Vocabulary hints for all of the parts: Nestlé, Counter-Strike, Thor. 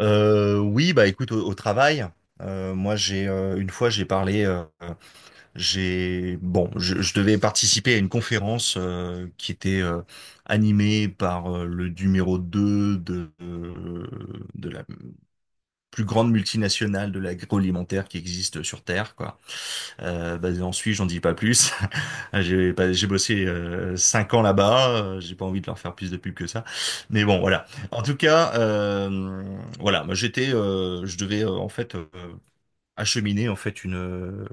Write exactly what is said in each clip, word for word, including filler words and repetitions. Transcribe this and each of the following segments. Euh, oui, bah écoute, au, au travail, euh, moi j'ai euh, une fois j'ai parlé, euh, j'ai bon, je, je devais participer à une conférence euh, qui était euh, animée par euh, le numéro deux de, de la plus grande multinationale de l'agroalimentaire qui existe sur Terre, quoi. Euh, basé en Suisse, j'en dis pas plus. J'ai pas- J'ai bossé euh, cinq ans là-bas. euh, J'ai pas envie de leur faire plus de pub que ça. Mais bon, voilà. En tout cas, euh, voilà. Moi, j'étais, euh, je devais euh, en fait euh, acheminer en fait une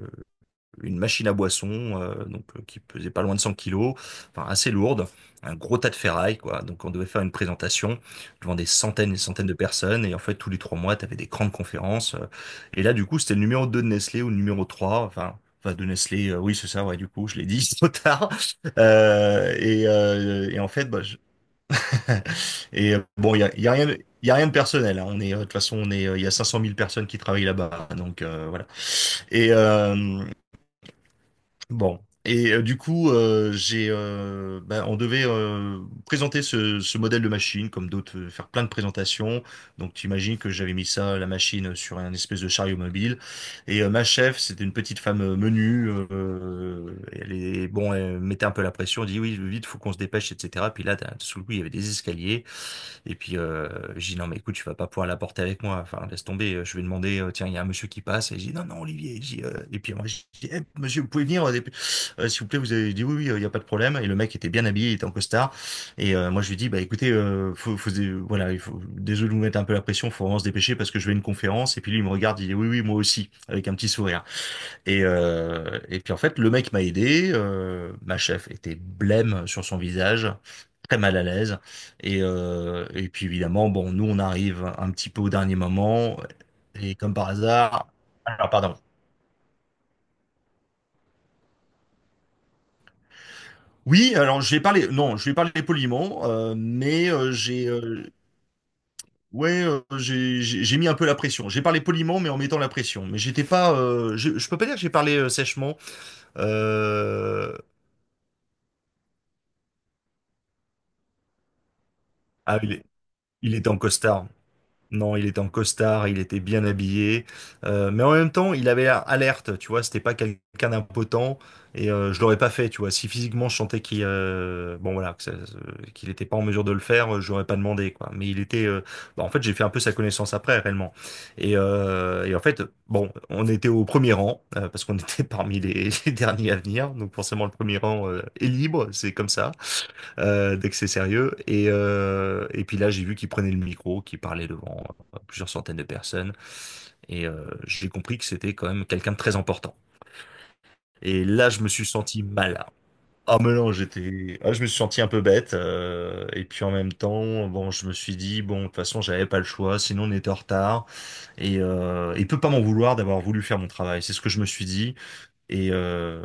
une machine à boisson, euh, donc euh, qui pesait pas loin de 100 kilos, enfin assez lourde, un gros tas de ferraille, quoi. Donc on devait faire une présentation devant des centaines et des centaines de personnes, et en fait tous les trois mois, tu avais des grandes conférences. euh. Et là, du coup, c'était le numéro deux de Nestlé ou le numéro trois enfin. Enfin, de Nestlé, euh, oui, c'est ça, ouais, du coup, je l'ai dit trop tard. Euh, et, euh, et en fait, bah, je- et euh, bon, il y a, il y a rien, de- il y a rien de personnel. Hein. On est, euh, de toute façon, on est, euh, il y a cinq cent mille personnes qui travaillent là-bas, donc euh, voilà. Et, euh, Bon. Et euh, du coup, euh, j'ai, euh, ben, on devait euh, présenter ce, ce modèle de machine, comme d'autres, euh, faire plein de présentations. Donc, tu imagines que j'avais mis ça, la machine, sur un espèce de chariot mobile. Et euh, ma chef, c'était une petite femme euh, menue. Euh, elle est, bon, elle mettait un peu la pression. Elle dit, oui, vite, faut qu'on se dépêche, et cetera. Puis là, t'as- sous le coup, il y avait des escaliers. Et puis, heu, je dis: «Non, mais écoute, tu vas pas pouvoir l'apporter avec moi, enfin laisse tomber, euh, je vais demander, heu, tiens, il y a un monsieur qui passe» et je dis: «Non, non, Olivier», je dis, heu et puis moi, je dis: «Eh monsieur, vous pouvez venir, heu, dépe s'il vous plaît, vous avez» dit «Oui, oui, heu, il y a pas de problème» et le mec était bien habillé, il était en costard et heu, moi je lui dis: «Bah écoutez, heu, faut faut dé voilà, il faut désolé de vous mettre un peu la pression, faut vraiment se dépêcher parce que je vais à une conférence» et puis lui, il me regarde, il dit: «Oui, oui, moi aussi» avec un petit sourire. Et, euh, et puis en fait, le mec m'a aidé. Euh, ma chef était blême sur son visage, très mal à l'aise. Et, euh, et puis évidemment, bon, nous on arrive un petit peu au dernier moment. Et comme par hasard, alors pardon. Oui, alors je vais parler, non, je vais parler poliment, euh, mais euh, j'ai, euh, ouais, euh, j'ai, j'ai j'ai mis un peu la pression. J'ai parlé poliment, mais en mettant la pression. Mais j'étais pas, euh, je, je peux pas dire que j'ai parlé euh, sèchement. Euh, Ah, il est, il était en costard. Non, il était en costard, il était bien habillé, euh, mais en même temps, il avait l'air alerte, tu vois, c'était pas quelqu'un d'impotent, et euh, je l'aurais pas fait, tu vois. Si physiquement je sentais qu'il euh, bon voilà, que ça- euh, qu'il était pas en mesure de le faire, euh, je l'aurais pas demandé, quoi. Mais il était, euh, bah, en fait, j'ai fait un peu sa connaissance après, réellement. Et, euh, et en fait, bon, on était au premier rang, euh, parce qu'on était parmi les, les derniers à venir, donc forcément le premier rang euh, est libre, c'est comme ça euh, dès que c'est sérieux. Et, euh, et puis là, j'ai vu qu'il prenait le micro, qu'il parlait devant euh, plusieurs centaines de personnes. Et euh, j'ai compris que c'était quand même quelqu'un de très important. Et là, je me suis senti mal. Ah mais non, j'étais, ah, je me suis senti un peu bête. Euh, et puis en même temps, bon, je me suis dit bon, de toute façon, j'avais pas le choix, sinon on était en retard. Et euh, il peut pas m'en vouloir d'avoir voulu faire mon travail. C'est ce que je me suis dit. Et euh,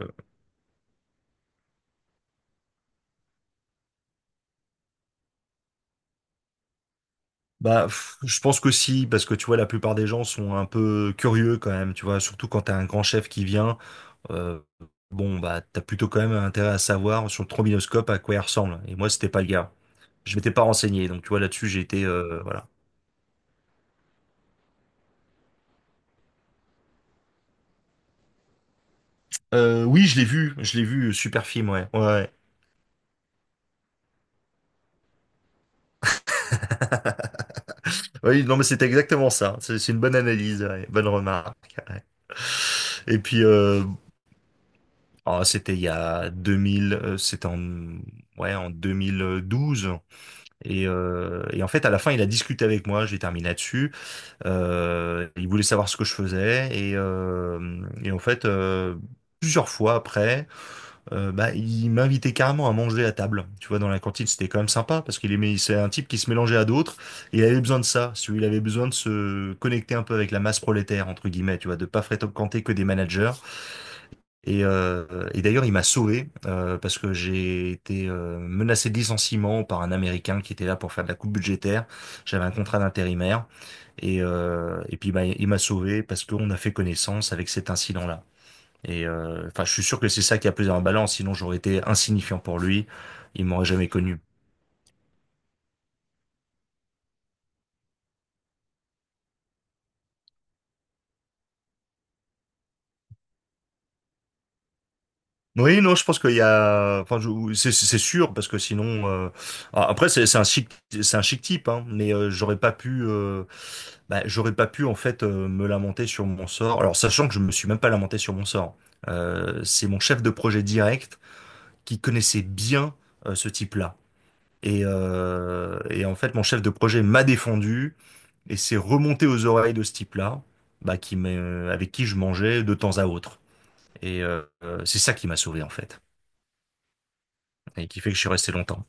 Bah, pff, je pense que si, parce que tu vois, la plupart des gens sont un peu curieux quand même, tu vois, surtout quand t'as un grand chef qui vient, euh, bon, bah, t'as plutôt quand même intérêt à savoir sur le trombinoscope à quoi il ressemble. Et moi, c'était pas le gars. Je m'étais pas renseigné, donc tu vois, là-dessus, j'ai été, euh, voilà. Euh, oui, je l'ai vu, je l'ai vu, super film, ouais, ouais, ouais. Oui, non, mais c'était exactement ça. C'est c'est une bonne analyse, ouais, bonne remarque. Ouais. Et puis, euh, ah, c'était il y a deux mille, euh, c'était en, ouais, en deux mille douze. Et, euh, et en fait, à la fin, il a discuté avec moi. J'ai terminé là-dessus. Euh, il voulait savoir ce que je faisais. Et, euh, et en fait, euh, plusieurs fois après, euh, bah, il m'invitait carrément à manger à table. Tu vois, dans la cantine, c'était quand même sympa parce qu'il aimait. C'est un type qui se mélangeait à d'autres. Et il avait besoin de ça. Si tu veux, il avait besoin de se connecter un peu avec la masse prolétaire entre guillemets. Tu vois, de pas fréquenter que des managers et, euh, et d'ailleurs, il m'a sauvé euh, parce que j'ai été euh, menacé de licenciement par un Américain qui était là pour faire de la coupe budgétaire. J'avais un contrat d'intérimaire et, euh, et puis bah, il m'a sauvé parce qu'on a fait connaissance avec cet incident-là. Et euh, enfin, je suis sûr que c'est ça qui a pesé en balance, sinon j'aurais été insignifiant pour lui. Il m'aurait jamais connu. Oui, non, je pense qu'il y a, enfin, je- c'est c'est sûr parce que sinon, euh, ah, après c'est c'est un chic, c'est un chic type, hein, mais euh, j'aurais pas pu. euh, Bah, j'aurais pas pu en fait euh, me lamenter sur mon sort. Alors sachant que je me suis même pas lamenté sur mon sort. Euh, c'est mon chef de projet direct qui connaissait bien euh, ce type-là. Et, euh, et en fait, mon chef de projet m'a défendu et s'est remonté aux oreilles de ce type-là, bah, qui m'a- euh, avec qui je mangeais de temps à autre. Et euh, euh, c'est ça qui m'a sauvé en fait, et qui fait que je suis resté longtemps.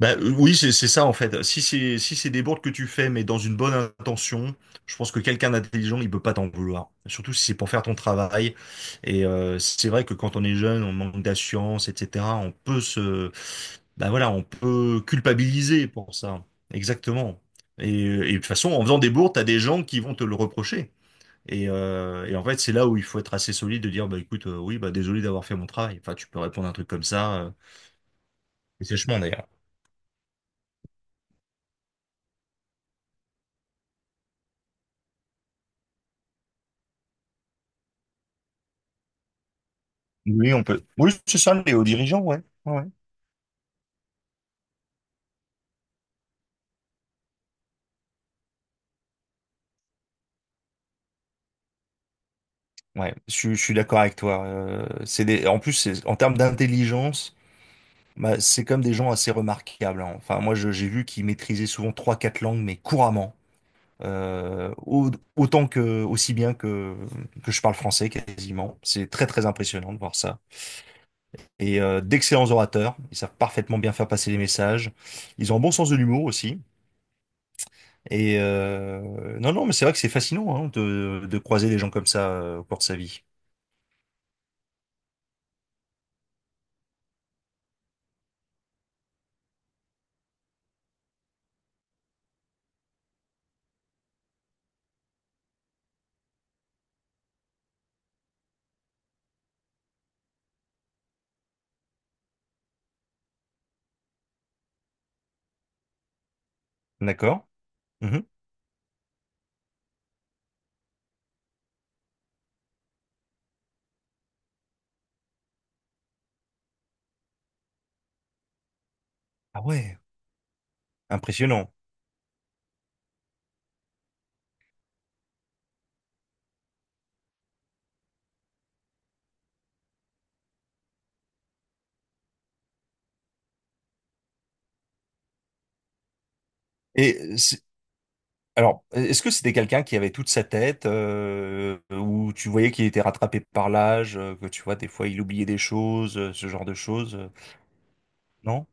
Bah, euh, oui, c'est c'est ça en fait. Si c'est si c'est des bourdes que tu fais, mais dans une bonne intention, je pense que quelqu'un d'intelligent, il peut pas t'en vouloir. Surtout si c'est pour faire ton travail. Et euh, c'est vrai que quand on est jeune, on manque d'assurance, et cetera. On peut se, bah voilà, on peut culpabiliser pour ça. Exactement. Et, et de toute façon, en faisant des bourdes, t'as des gens qui vont te le reprocher. Et, euh, et en fait, c'est là où il faut être assez solide de dire, bah écoute, euh, oui, bah désolé d'avoir fait mon travail. Enfin, tu peux répondre à un truc comme ça, euh, et sèchement d'ailleurs. Oui, on peut. Oui, c'est ça, les hauts dirigeants, ouais. Ouais, ouais. Ouais, je, suis je suis d'accord avec toi. Euh, c'est des... En plus, c'est- en termes d'intelligence, bah, c'est comme des gens assez remarquables. Hein. Enfin, moi, je- j'ai vu qu'ils maîtrisaient souvent trois, quatre langues, mais couramment. Euh, au- autant que, aussi bien que, que je parle français quasiment. C'est très, très impressionnant de voir ça. Et euh, d'excellents orateurs. Ils savent parfaitement bien faire passer les messages. Ils ont un bon sens de l'humour aussi. Et euh, non, non, mais c'est vrai que c'est fascinant hein, de, de croiser des gens comme ça euh, au cours de sa vie. D'accord? Mhm. Ah ouais, impressionnant. Et euh, c'est- alors, est-ce que c'était quelqu'un qui avait toute sa tête, euh, ou tu voyais qu'il était rattrapé par l'âge, euh, que tu vois, des fois il oubliait des choses, euh, ce genre de choses? euh, Non?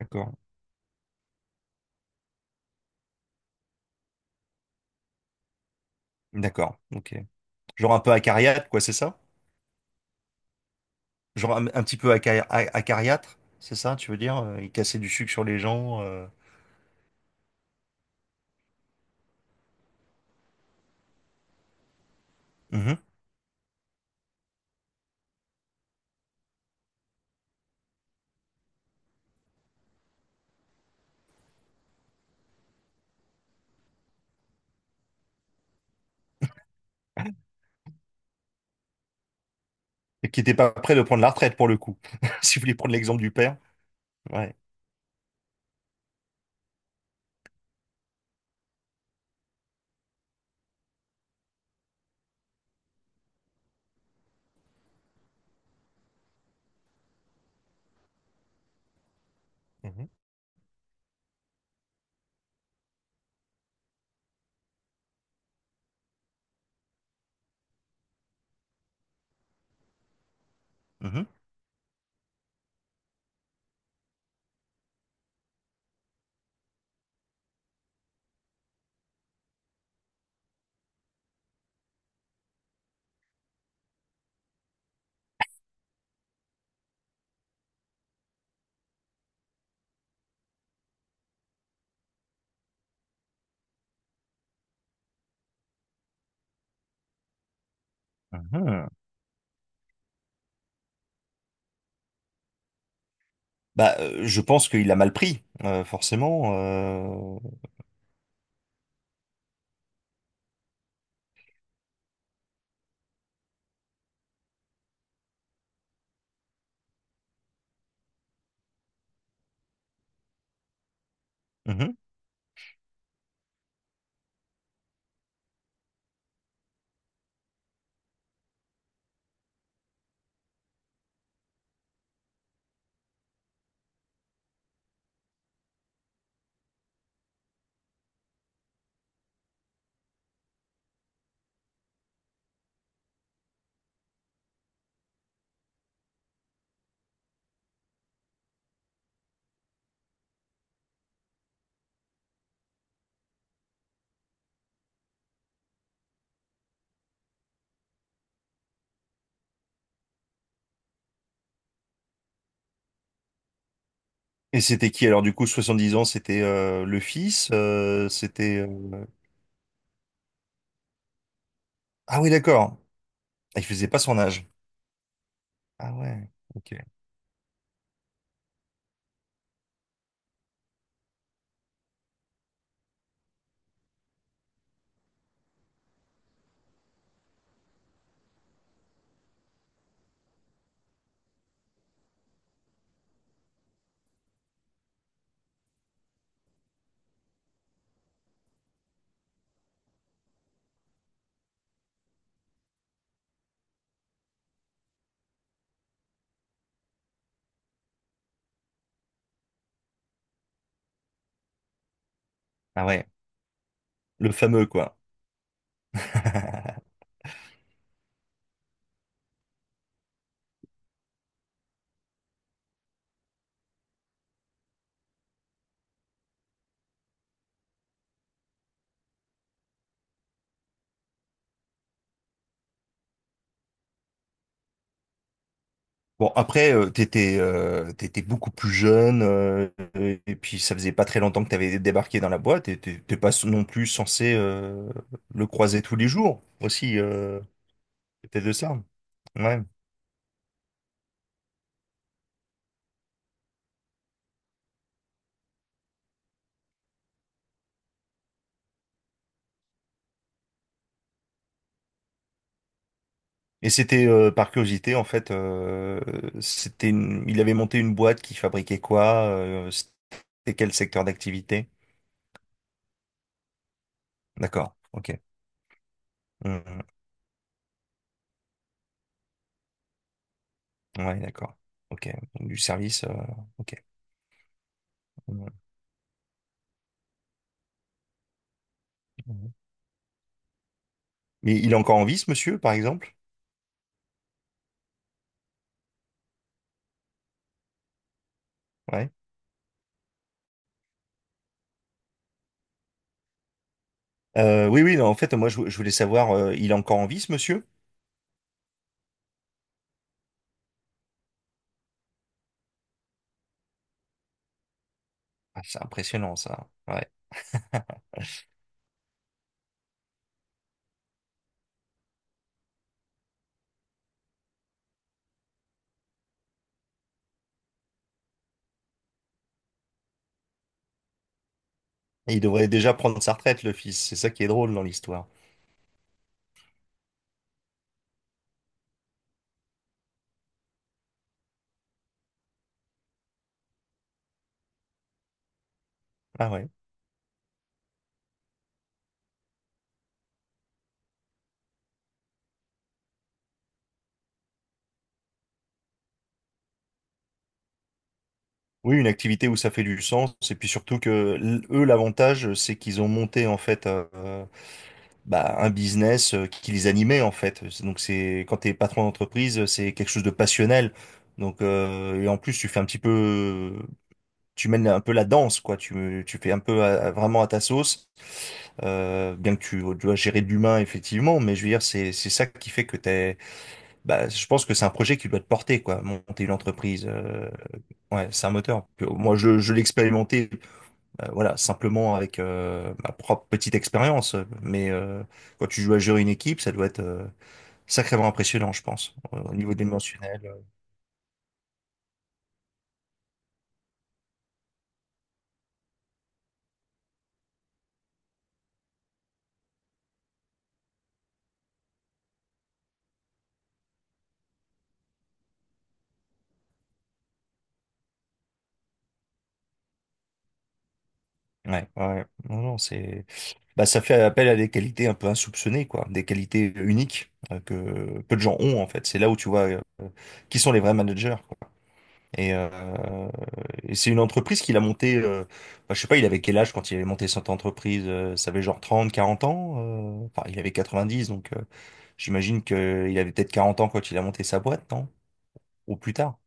D'accord. D'accord, ok. Genre un peu acariâtre, quoi, c'est ça? Genre un, un petit peu aca- a- acariâtre, c'est ça, tu veux dire? euh, Il cassait du sucre sur les gens. euh. Et qui n'était pas prêt de prendre la retraite pour le coup. Si vous voulez prendre l'exemple du père. Ouais. Mhm. Mhm. Mhm. Bah, euh, je pense qu'il a mal pris, euh, forcément. Euh, mhm. Et c'était qui alors du coup, soixante-dix ans, c'était euh, le fils, euh, c'était... euh, Ah oui, d'accord. Ah, il faisait pas son âge. Ah ouais, ok. Ah ouais, le fameux quoi. Bon, après, euh, t'étais, euh, t'étais beaucoup plus jeune, euh, et puis ça faisait pas très longtemps que t'avais débarqué dans la boîte, et t'es t'es pas non plus censé euh, le croiser tous les jours aussi, euh, peut-être de ça. Ouais. Et c'était euh, par curiosité, en fait, euh, c'était une- il avait monté une boîte qui fabriquait quoi, euh, c'était quel secteur d'activité? D'accord, ok. Mhm. Ouais, d'accord. Ok, du service, euh, ok. Mhm. Mais il est encore en vie, ce monsieur, par exemple? Ouais. Euh, oui, oui, non, en fait, moi, je, je voulais savoir, euh, il est encore en vie, ce monsieur? Ah, c'est impressionnant, ça. Ouais. Il devrait déjà prendre sa retraite, le fils. C'est ça qui est drôle dans l'histoire. Ah ouais. Oui, une activité où ça fait du sens. Et puis surtout que l- eux, l'avantage, c'est qu'ils ont monté en fait euh, bah, un business euh, qui les animait en fait. Donc c'est quand t'es patron d'entreprise, c'est quelque chose de passionnel. Donc euh, et en plus, tu fais un petit peu, tu mènes un peu la danse quoi. Tu tu fais un peu à- à- vraiment à ta sauce. Euh, bien que tu dois gérer de l'humain, effectivement, mais je veux dire, c'est c'est ça qui fait que t'es. Bah, je pense que c'est un projet qui doit te porter, quoi. Monter une entreprise, euh, ouais, c'est un moteur. Que moi, je je l'ai expérimenté, euh, voilà, simplement avec euh, ma propre petite expérience. Mais euh, quand tu joues à gérer une équipe, ça doit être euh, sacrément impressionnant, je pense, euh, au niveau dimensionnel. Ouais, ouais, ouais. Non, non, c'est, bah, ça fait appel à des qualités un peu insoupçonnées, quoi, des qualités uniques euh, que peu de gens ont en fait. C'est là où tu vois euh, qui sont les vrais managers. Quoi. Et, euh, et c'est une entreprise qu'il a montée. Euh, bah, je sais pas, il avait quel âge quand il avait monté cette entreprise? Euh, ça avait genre trente quarante ans. Euh, enfin, il avait quatre-vingt-dix donc euh, j'imagine que il avait peut-être quarante ans quand il a monté sa boîte, non? Ou plus tard.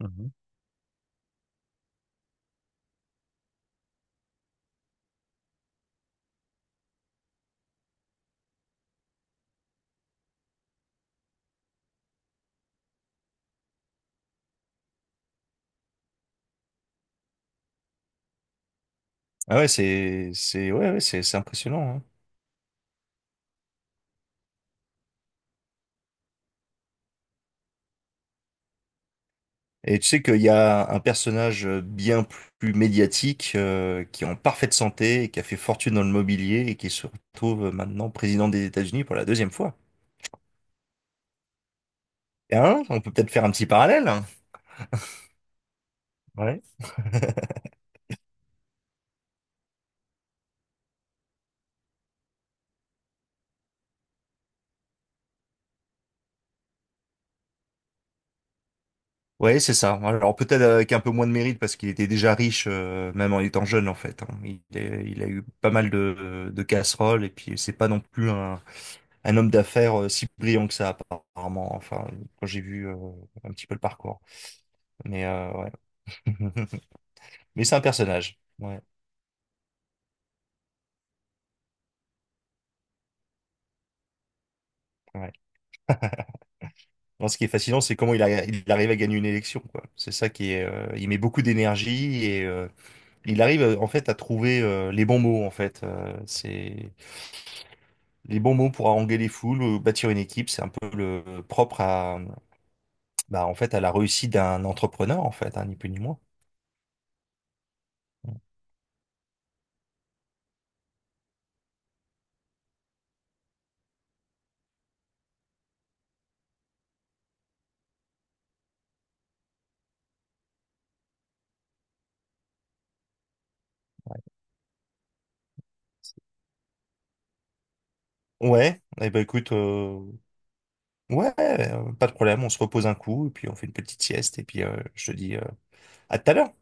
Mhm. Ah ouais, c'est, c'est, ouais, ouais, c'est, c'est impressionnant. Hein. Et tu sais qu'il y a un personnage euh, bien plus médiatique, euh, qui est en parfaite santé, et qui a fait fortune dans le mobilier et qui se retrouve maintenant président des États-Unis pour la deuxième fois. Et hein, on peut peut-être faire un petit parallèle. Hein. Ouais. Ouais, c'est ça. Alors peut-être avec un peu moins de mérite parce qu'il était déjà riche, euh, même en étant jeune en fait. Hein. Il est- il a eu pas mal de, de casseroles et puis c'est pas non plus un, un homme d'affaires euh, si brillant que ça apparemment. Enfin, quand j'ai vu euh, un petit peu le parcours. Mais euh, ouais. Mais c'est un personnage. Ouais, ouais. Non, ce qui est fascinant, c'est comment il, a- il arrive à gagner une élection, quoi. C'est ça qui est. Euh, il met beaucoup d'énergie et euh, il arrive euh, en fait à trouver euh, les bons mots, en fait. Euh, c'est les bons mots pour haranguer les foules, euh, bâtir une équipe. C'est un peu le propre à, bah, en fait, à la réussite d'un entrepreneur, en fait, hein, ni plus ni moins. Ouais. Eh ben écoute, euh, ouais, euh, pas de problème. On se repose un coup et puis on fait une petite sieste et puis euh, je te dis euh, à tout à l'heure.